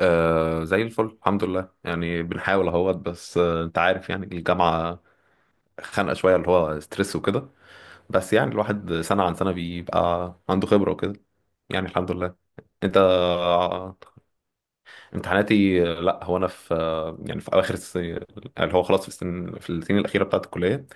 آه، زي الفل الحمد لله. يعني بنحاول اهوت. بس انت عارف، يعني الجامعة خانقة شوية اللي هو ستريس وكده. بس يعني الواحد سنة عن سنة بيبقى عنده خبرة وكده. يعني الحمد لله. انت، امتحاناتي لا، هو انا في يعني في اواخر السنة، اللي هو خلاص في السنين الأخيرة بتاعت الكلية.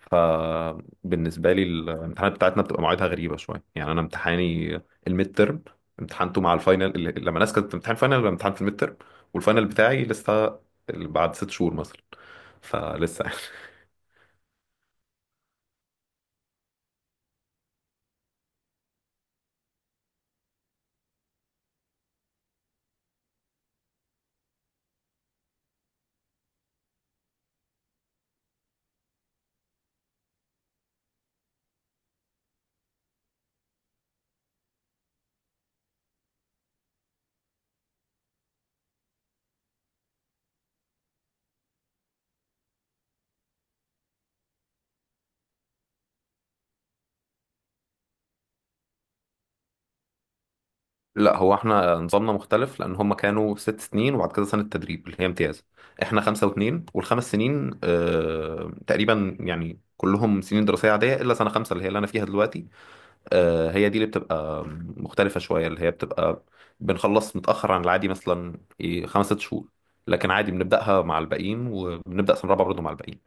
فبالنسبة لي الامتحانات بتاعتنا بتبقى مواعيدها غريبة شوية. يعني أنا امتحاني الميد ترم امتحانته مع الفاينل. لما الناس كانت بتمتحن فاينل أنا امتحان في الميد ترم، والفاينل بتاعي لسه بعد 6 شهور مثلا. فلسه يعني لا، هو احنا نظامنا مختلف لأن هم كانوا ست سنين وبعد كده سنة تدريب اللي هي امتياز. احنا 5 و2، والخمس سنين تقريبا يعني كلهم سنين دراسية عادية إلا سنة خمسة اللي هي اللي أنا فيها دلوقتي. هي دي اللي بتبقى مختلفة شوية، اللي هي بتبقى بنخلص متأخر عن العادي مثلا إيه، 5 6 شهور. لكن عادي بنبدأها مع الباقيين، وبنبدأ سنة رابعة برضه مع الباقيين.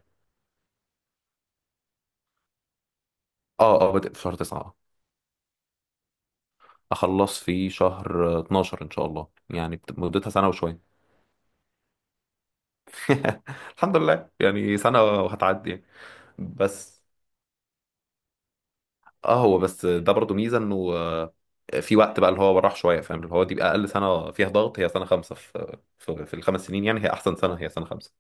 اه، اه، بادئ في شهر تسعة. آه. أخلص في شهر 12 إن شاء الله. يعني مدتها سنة وشوية. الحمد لله، يعني سنة وهتعدي يعني. بس اه هو بس ده برضه ميزة إنه في وقت بقى اللي هو راح شوية، فاهم، اللي هو دي بقى أقل سنة فيها ضغط هي سنة خمسة في ال5 سنين. يعني هي أحسن سنة هي سنة خمسة.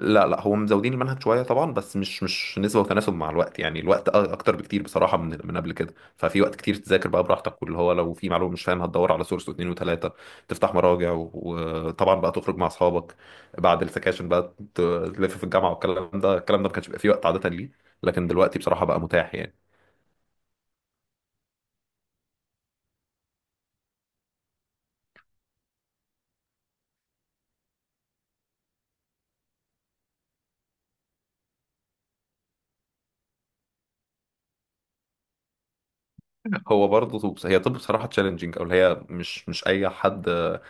لا، لا، هو مزودين المنهج شويه طبعا، بس مش نسبه وتناسب مع الوقت. يعني الوقت اكتر بكتير بصراحه من قبل كده. ففي وقت كتير تذاكر بقى براحتك، واللي هو لو في معلومه مش فاهمها تدور على سورس واثنين وثلاثه، تفتح مراجع، وطبعا بقى تخرج مع اصحابك بعد السكاشن بقى، تلف في الجامعه والكلام ده الكلام ده ما كانش بيبقى فيه وقت عاده ليه، لكن دلوقتي بصراحه بقى متاح يعني. هو برضه طب، هي طب بصراحة تشالنجينج، او اللي هي مش اي حد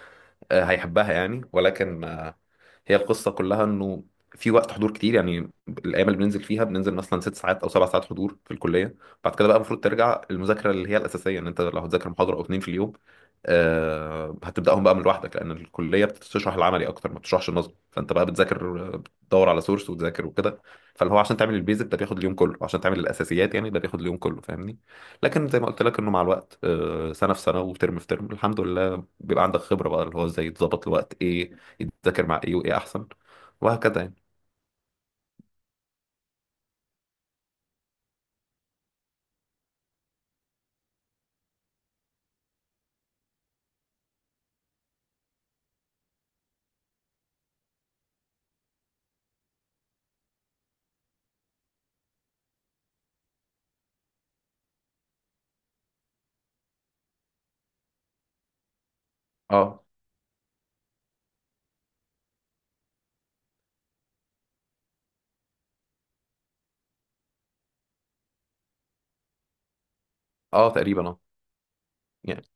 هيحبها يعني. ولكن هي القصة كلها انه في وقت حضور كتير. يعني الايام اللي بننزل فيها بننزل مثلا 6 ساعات او 7 ساعات حضور في الكلية. بعد كده بقى المفروض ترجع المذاكرة اللي هي الاساسية، ان انت لو هتذاكر محاضرة او اتنين في اليوم هتبداهم بقى من لوحدك، لان الكليه بتشرح العملي اكتر ما بتشرحش النظري. فانت بقى بتذاكر، بتدور على سورس وتذاكر وكده. فاللي هو عشان تعمل البيزك ده بياخد اليوم كله، وعشان تعمل الاساسيات يعني ده بياخد اليوم كله، فاهمني. لكن زي ما قلت لك، انه مع الوقت سنه في سنه وترم في ترم، الحمد لله بيبقى عندك خبره بقى، اللي هو ازاي تظبط الوقت، ايه يتذاكر مع ايه، وايه احسن، وهكذا يعني. اه، اه، تقريبا، اه. يعني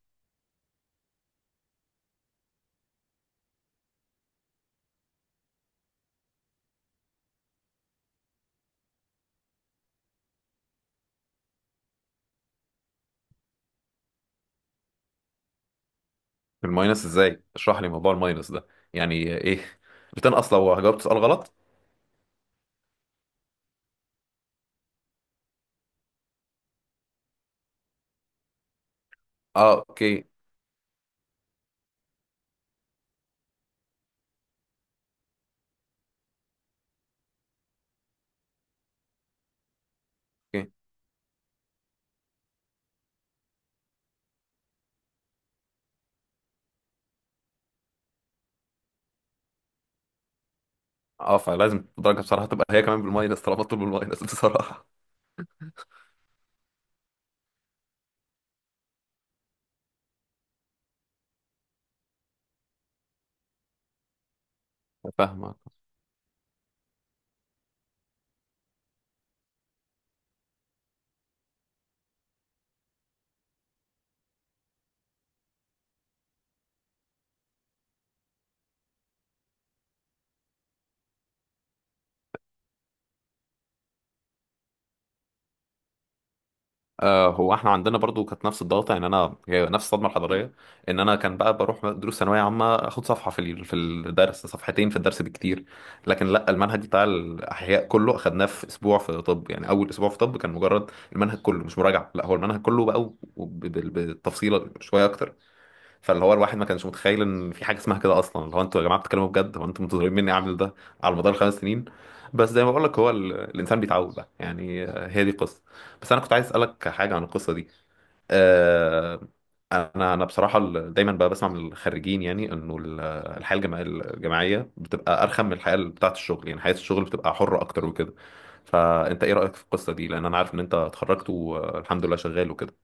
الماينس ازاي؟ اشرح لي موضوع الماينس ده. يعني ايه؟ بتنقص لو جاوبت سؤال غلط؟ اه، اوكي، اوكي. اه، فلازم الدرجه بصراحه تبقى هي كمان بالماينس طالما مطلوب بالماينس بصراحه. فاهمك. هو احنا عندنا برضو كانت نفس الضغطه. يعني انا هي نفس الصدمه الحضاريه، ان انا كان بقى بروح دروس ثانويه عامه اخد صفحه في الدرس، صفحتين في الدرس بكتير. لكن لا، المنهج بتاع الاحياء كله اخدناه في اسبوع في طب. يعني اول اسبوع في طب كان مجرد المنهج كله، مش مراجعه، لا هو المنهج كله بقى، بالتفصيل شويه اكتر. فاللي هو الواحد ما كانش متخيل ان في حاجه اسمها كده اصلا، اللي هو انتوا يا جماعه بتتكلموا بجد؟ هو انتوا منتظرين مني اعمل ده على مدار ال5 سنين؟ بس زي ما بقول لك، هو الانسان بيتعود بقى يعني. هي دي القصه. بس انا كنت عايز اسالك حاجه عن القصه دي. آه، انا بصراحه دايما بقى بسمع من الخريجين، يعني انه الحياه الجامعيه بتبقى ارخم من الحياه بتاعه الشغل. يعني حياه الشغل بتبقى حره اكتر وكده. فانت ايه رايك في القصه دي؟ لان انا عارف ان انت اتخرجت، والحمد لله شغال وكده.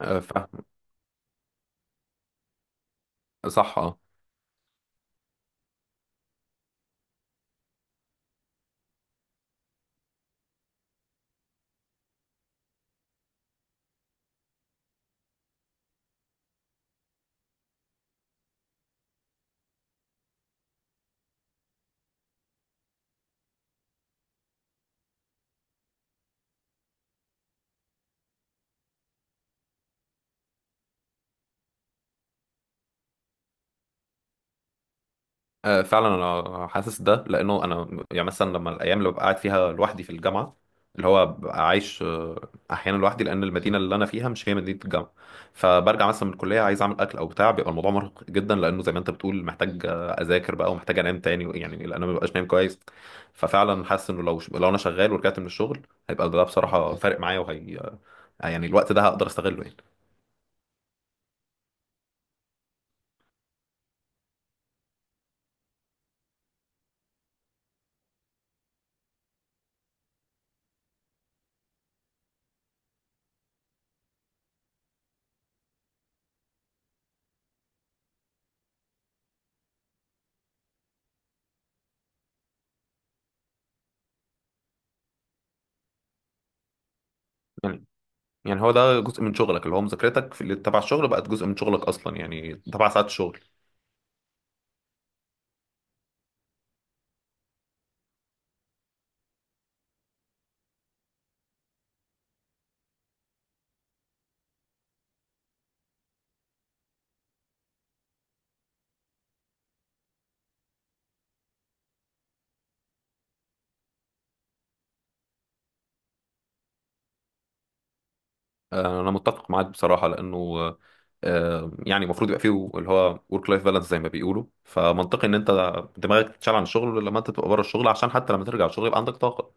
آه، صح، اه. آه، فعلا. انا حاسس ده لانه انا، يعني مثلا لما الايام اللي ببقى قاعد فيها لوحدي في الجامعه، اللي هو ببقى عايش احيانا لوحدي لان المدينه اللي انا فيها مش هي مدينه الجامعه. فبرجع مثلا من الكليه عايز اعمل اكل او بتاع، بيبقى الموضوع مرهق جدا لانه زي ما انت بتقول محتاج اذاكر بقى ومحتاج انام تاني، يعني لان انا ما ببقاش نايم كويس. ففعلا حاسس انه لو انا شغال ورجعت من الشغل، هيبقى ده بصراحه فارق معايا. وهي يعني الوقت ده هقدر استغله يعني. يعني هو ده جزء من شغلك، اللي هو مذاكرتك في اللي تبع الشغل بقت جزء من شغلك اصلا، يعني تبع ساعات الشغل. انا متفق معاك بصراحه، لانه يعني المفروض يبقى فيه اللي هو ورك لايف بالانس زي ما بيقولوا. فمنطقي ان انت دماغك تتشال عن الشغل لما انت تبقى بره الشغل، عشان حتى لما ترجع الشغل يبقى عندك طاقه.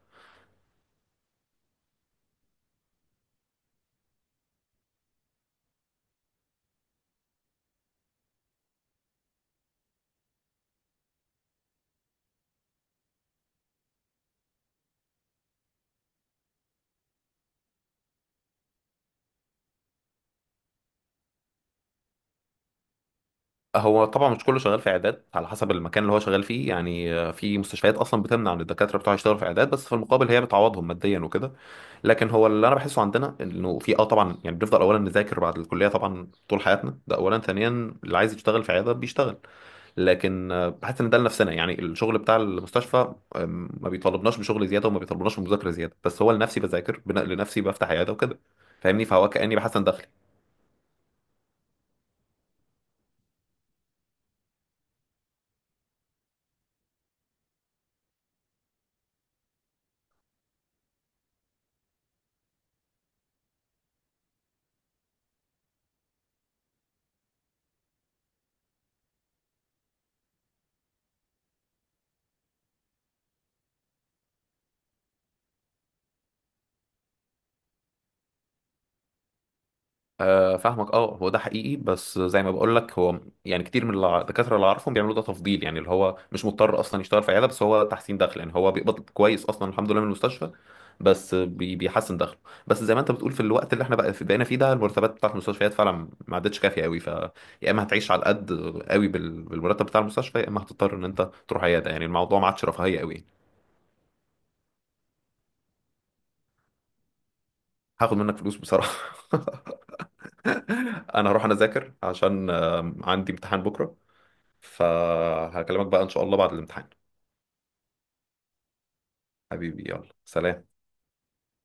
هو طبعا مش كله شغال في عيادات، على حسب المكان اللي هو شغال فيه يعني. في مستشفيات اصلا بتمنع ان الدكاتره بتوعها يشتغلوا في عيادات، بس في المقابل هي بتعوضهم ماديا وكده. لكن هو اللي انا بحسه عندنا انه في طبعا، يعني بنفضل اولا نذاكر بعد الكليه طبعا طول حياتنا ده اولا. ثانيا، اللي عايز يشتغل في عياده بيشتغل، لكن بحس ان ده لنفسنا. يعني الشغل بتاع المستشفى ما بيطالبناش بشغل زياده وما بيطالبناش بمذاكره زياده، بس هو لنفسي بذاكر، لنفسي بفتح عياده وكده فاهمني. فهو كاني بحسن دخل. آه، فاهمك، اه. هو ده حقيقي. بس زي ما بقول لك، هو يعني كتير من الدكاتره اللي اعرفهم بيعملوا ده تفضيل. يعني اللي هو مش مضطر اصلا يشتغل في عياده، بس هو تحسين دخل. يعني هو بيقبض كويس اصلا الحمد لله من المستشفى، بس بيحسن دخله. بس زي ما انت بتقول، في الوقت اللي احنا بقى بقينا فيه ده، المرتبات بتاعت المستشفيات فعلا ما عادتش كافيه قوي. ف يا اما هتعيش على القد قوي بالمرتب بتاع المستشفى، يا اما هتضطر ان انت تروح عياده. يعني الموضوع ما عادش رفاهيه قوي. هاخد منك فلوس بصراحه. انا هروح، انا اذاكر عشان عندي امتحان بكره. فهكلمك بقى إن شاء الله بعد الامتحان. حبيبي، يلا سلام.